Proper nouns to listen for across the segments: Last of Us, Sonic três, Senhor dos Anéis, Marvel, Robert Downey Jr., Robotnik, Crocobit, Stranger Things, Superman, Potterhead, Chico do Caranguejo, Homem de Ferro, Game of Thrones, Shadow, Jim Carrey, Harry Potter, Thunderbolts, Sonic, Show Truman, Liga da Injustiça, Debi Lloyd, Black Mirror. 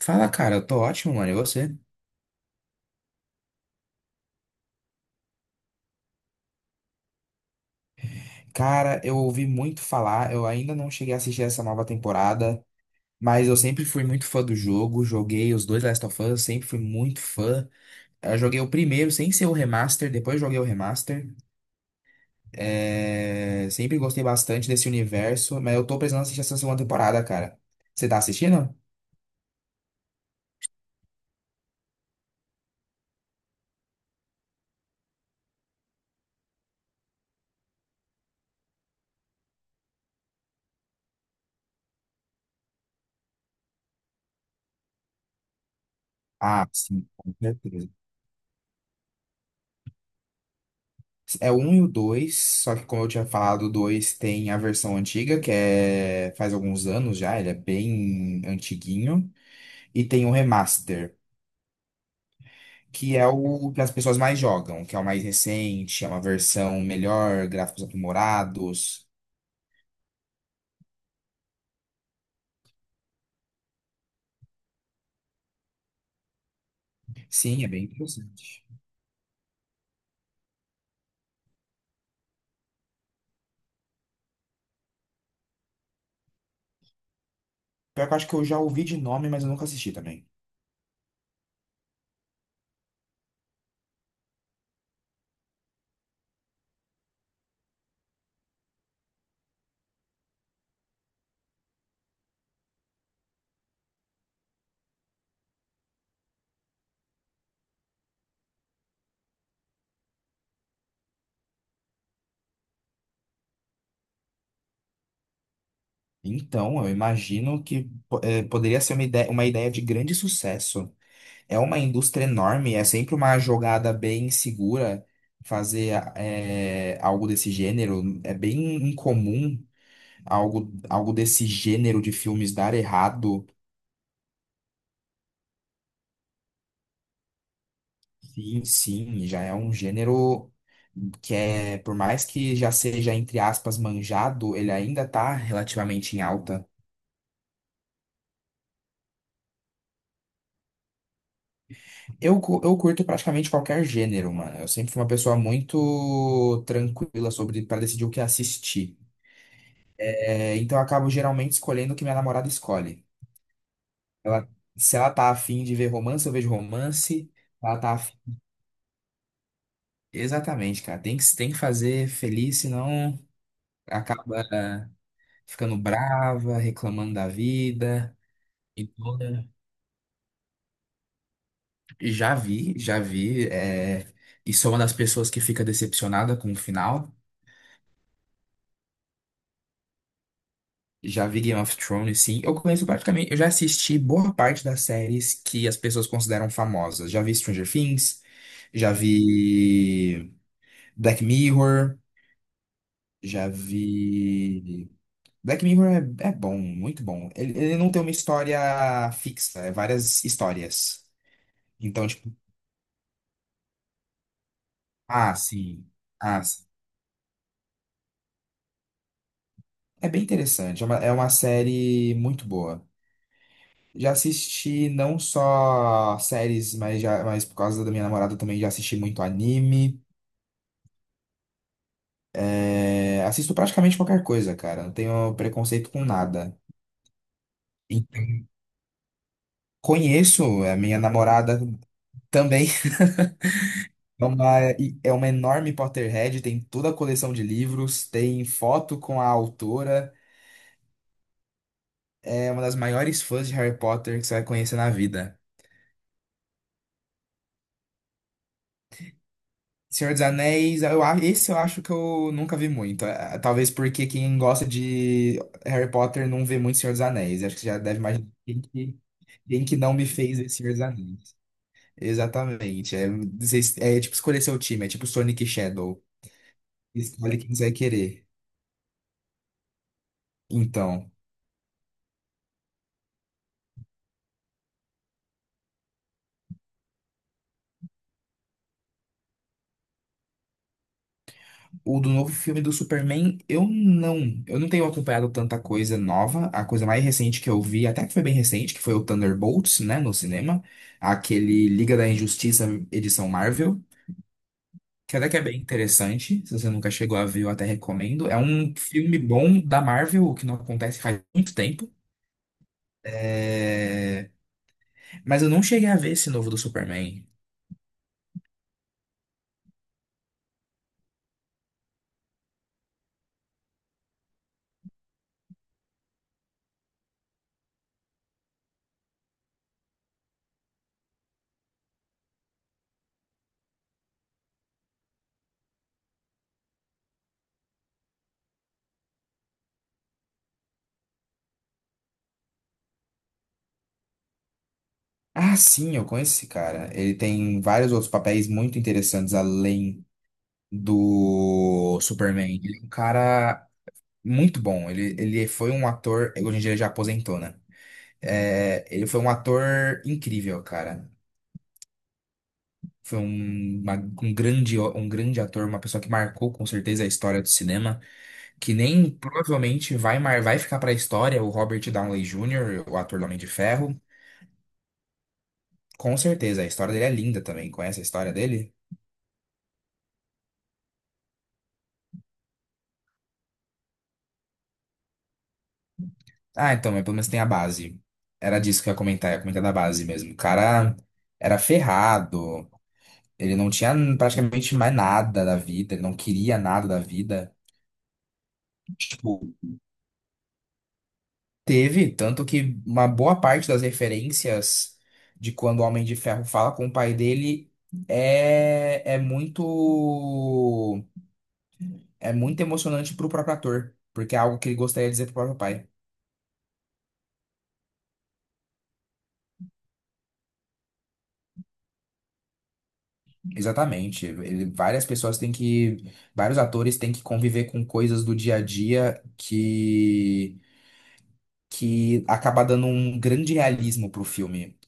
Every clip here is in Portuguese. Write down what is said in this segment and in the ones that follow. Fala, cara, eu tô ótimo, mano. E você? Cara, eu ouvi muito falar, eu ainda não cheguei a assistir essa nova temporada, mas eu sempre fui muito fã do jogo, joguei os dois Last of Us, sempre fui muito fã. Eu joguei o primeiro sem ser o remaster, depois joguei o remaster. Sempre gostei bastante desse universo, mas eu tô precisando assistir essa segunda temporada, cara. Você tá assistindo? Ah, sim, com certeza. É o 1 e o 2, só que como eu tinha falado, o 2 tem a versão antiga, que é faz alguns anos já, ele é bem antiguinho, e tem o remaster, que é o que as pessoas mais jogam, que é o mais recente, é uma versão melhor, gráficos aprimorados. Sim, é bem interessante. Pior que eu acho que eu já ouvi de nome, mas eu nunca assisti também. Então, eu imagino que poderia ser uma ideia de grande sucesso. É uma indústria enorme, é sempre uma jogada bem segura fazer algo desse gênero. É bem incomum algo desse gênero de filmes dar errado. Sim, sim, já é um gênero que é, por mais que já seja, entre aspas, manjado, ele ainda tá relativamente em alta. Eu curto praticamente qualquer gênero, mano. Eu sempre fui uma pessoa muito tranquila sobre para decidir o que assistir. É, então eu acabo geralmente escolhendo o que minha namorada escolhe. Ela, se ela tá afim de ver romance, eu vejo romance. Ela tá afim. Exatamente, cara. Tem que fazer feliz, senão acaba ficando brava, reclamando da vida. Então, né, já vi, já vi. E sou uma das pessoas que fica decepcionada com o final. Já vi Game of Thrones, sim. Eu conheço praticamente. Eu já assisti boa parte das séries que as pessoas consideram famosas. Já vi Stranger Things, já vi Black Mirror, já vi. Black Mirror é bom, muito bom. Ele não tem uma história fixa, é várias histórias. Então, tipo, ah, sim. Ah, sim. É bem interessante. É uma série muito boa. Já assisti não só séries, mas por causa da minha namorada também já assisti muito anime. É, assisto praticamente qualquer coisa, cara. Não tenho preconceito com nada. Então, conheço a minha namorada também. É uma, é uma enorme Potterhead, tem toda a coleção de livros, tem foto com a autora. É uma das maiores fãs de Harry Potter que você vai conhecer na vida. Senhor dos Anéis, esse eu acho que eu nunca vi muito. Talvez porque quem gosta de Harry Potter não vê muito Senhor dos Anéis. Acho que já deve imaginar quem que não me fez ver Senhor dos Anéis. Exatamente. É tipo escolher seu time, é tipo Sonic e Shadow. Escolhe quem você vai querer. Então. O do novo filme do Superman, eu não. Eu não tenho acompanhado tanta coisa nova. A coisa mais recente que eu vi, até que foi bem recente, que foi o Thunderbolts, né, no cinema. Aquele Liga da Injustiça edição Marvel, que até que é bem interessante. Se você nunca chegou a ver, eu até recomendo. É um filme bom da Marvel, o que não acontece faz muito tempo. É, mas eu não cheguei a ver esse novo do Superman. Ah, sim, eu conheço esse cara. Ele tem vários outros papéis muito interessantes além do Superman. Ele é um cara muito bom. Ele foi um ator. Hoje em dia ele já aposentou, né? É, ele foi um ator incrível, cara. Foi um grande ator, uma pessoa que marcou com certeza a história do cinema, que nem provavelmente vai ficar pra história o Robert Downey Jr., o ator do Homem de Ferro. Com certeza, a história dele é linda também. Conhece a história dele? Ah, então, mas pelo menos tem a base. Era disso que eu ia comentar da base mesmo. O cara era ferrado, ele não tinha praticamente mais nada da vida, ele não queria nada da vida. Tipo, teve, tanto que uma boa parte das referências de quando o Homem de Ferro fala com o pai dele é, é muito é muito emocionante pro próprio ator, porque é algo que ele gostaria de dizer pro próprio pai. Exatamente. Ele- várias pessoas têm que, vários atores têm que conviver com coisas do dia a dia que acaba dando um grande realismo pro filme.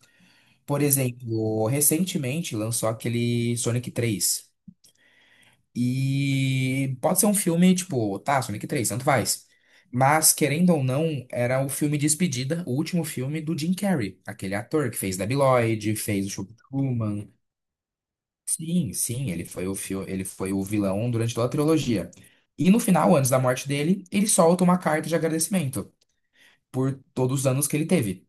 Por exemplo, recentemente lançou aquele Sonic 3. E pode ser um filme, tipo, tá, Sonic 3 tanto faz. Mas, querendo ou não, era o filme de despedida, o último filme do Jim Carrey, aquele ator que fez Debi Lloyd, fez o Show Truman. Sim, sim, ele foi o fio, ele foi o vilão durante toda a trilogia. E no final, antes da morte dele, ele solta uma carta de agradecimento por todos os anos que ele teve.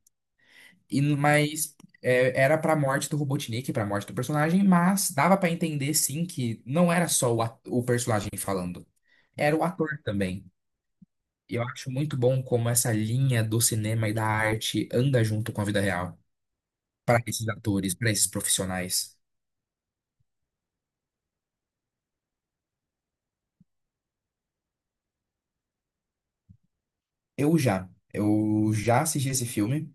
E, era pra morte do Robotnik, pra morte do personagem, mas dava pra entender sim que não era só o personagem falando, era o ator também. E eu acho muito bom como essa linha do cinema e da arte anda junto com a vida real, pra esses atores, pra esses profissionais. Eu já assisti esse filme,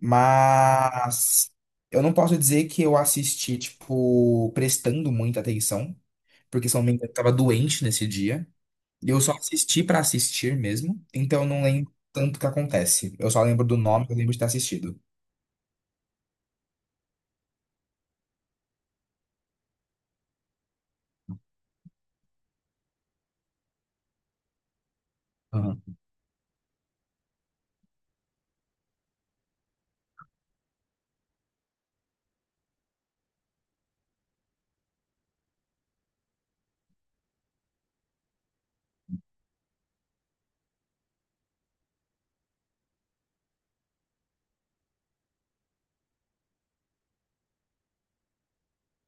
mas eu não posso dizer que eu assisti, tipo, prestando muita atenção, porque se eu não me engano, eu tava doente nesse dia. Eu só assisti pra assistir mesmo, então eu não lembro tanto o que acontece. Eu só lembro do nome, eu lembro de ter assistido. Aham.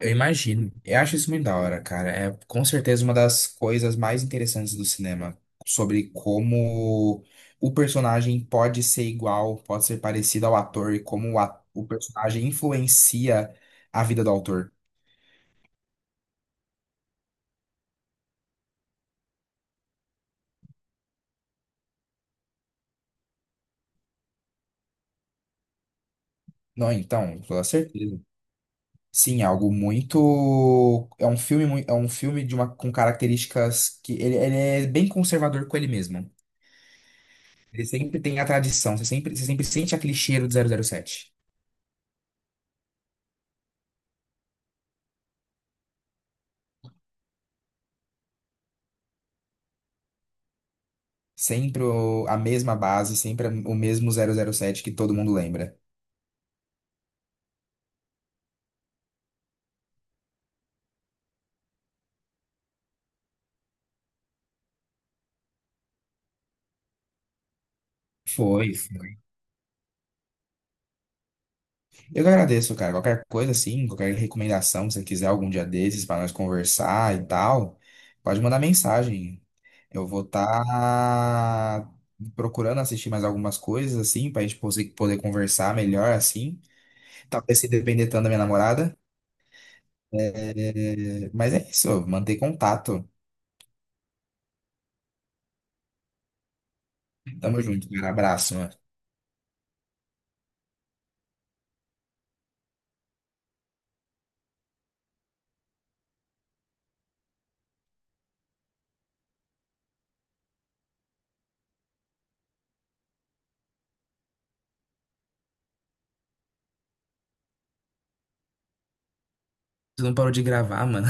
Eu imagino. Eu acho isso muito da hora, cara. É com certeza uma das coisas mais interessantes do cinema, sobre como o personagem pode ser igual, pode ser parecido ao ator e como o personagem influencia a vida do autor. Não, então, com toda certeza. Sim, é algo muito. É um filme com características que ele é bem conservador com ele mesmo. Ele sempre tem a tradição, você sempre sente aquele cheiro do 007. Sempre a mesma base, sempre o mesmo 007 que todo mundo lembra. Foi. Eu que agradeço, cara. Qualquer coisa assim, qualquer recomendação, se você quiser algum dia desses para nós conversar e tal, pode mandar mensagem. Eu vou estar procurando assistir mais algumas coisas assim, para a gente poder conversar melhor assim. Talvez se depender tanto da minha namorada. Mas é isso, manter contato. Tamo junto, cara. Abraço, mano. Você não parou de gravar, mano.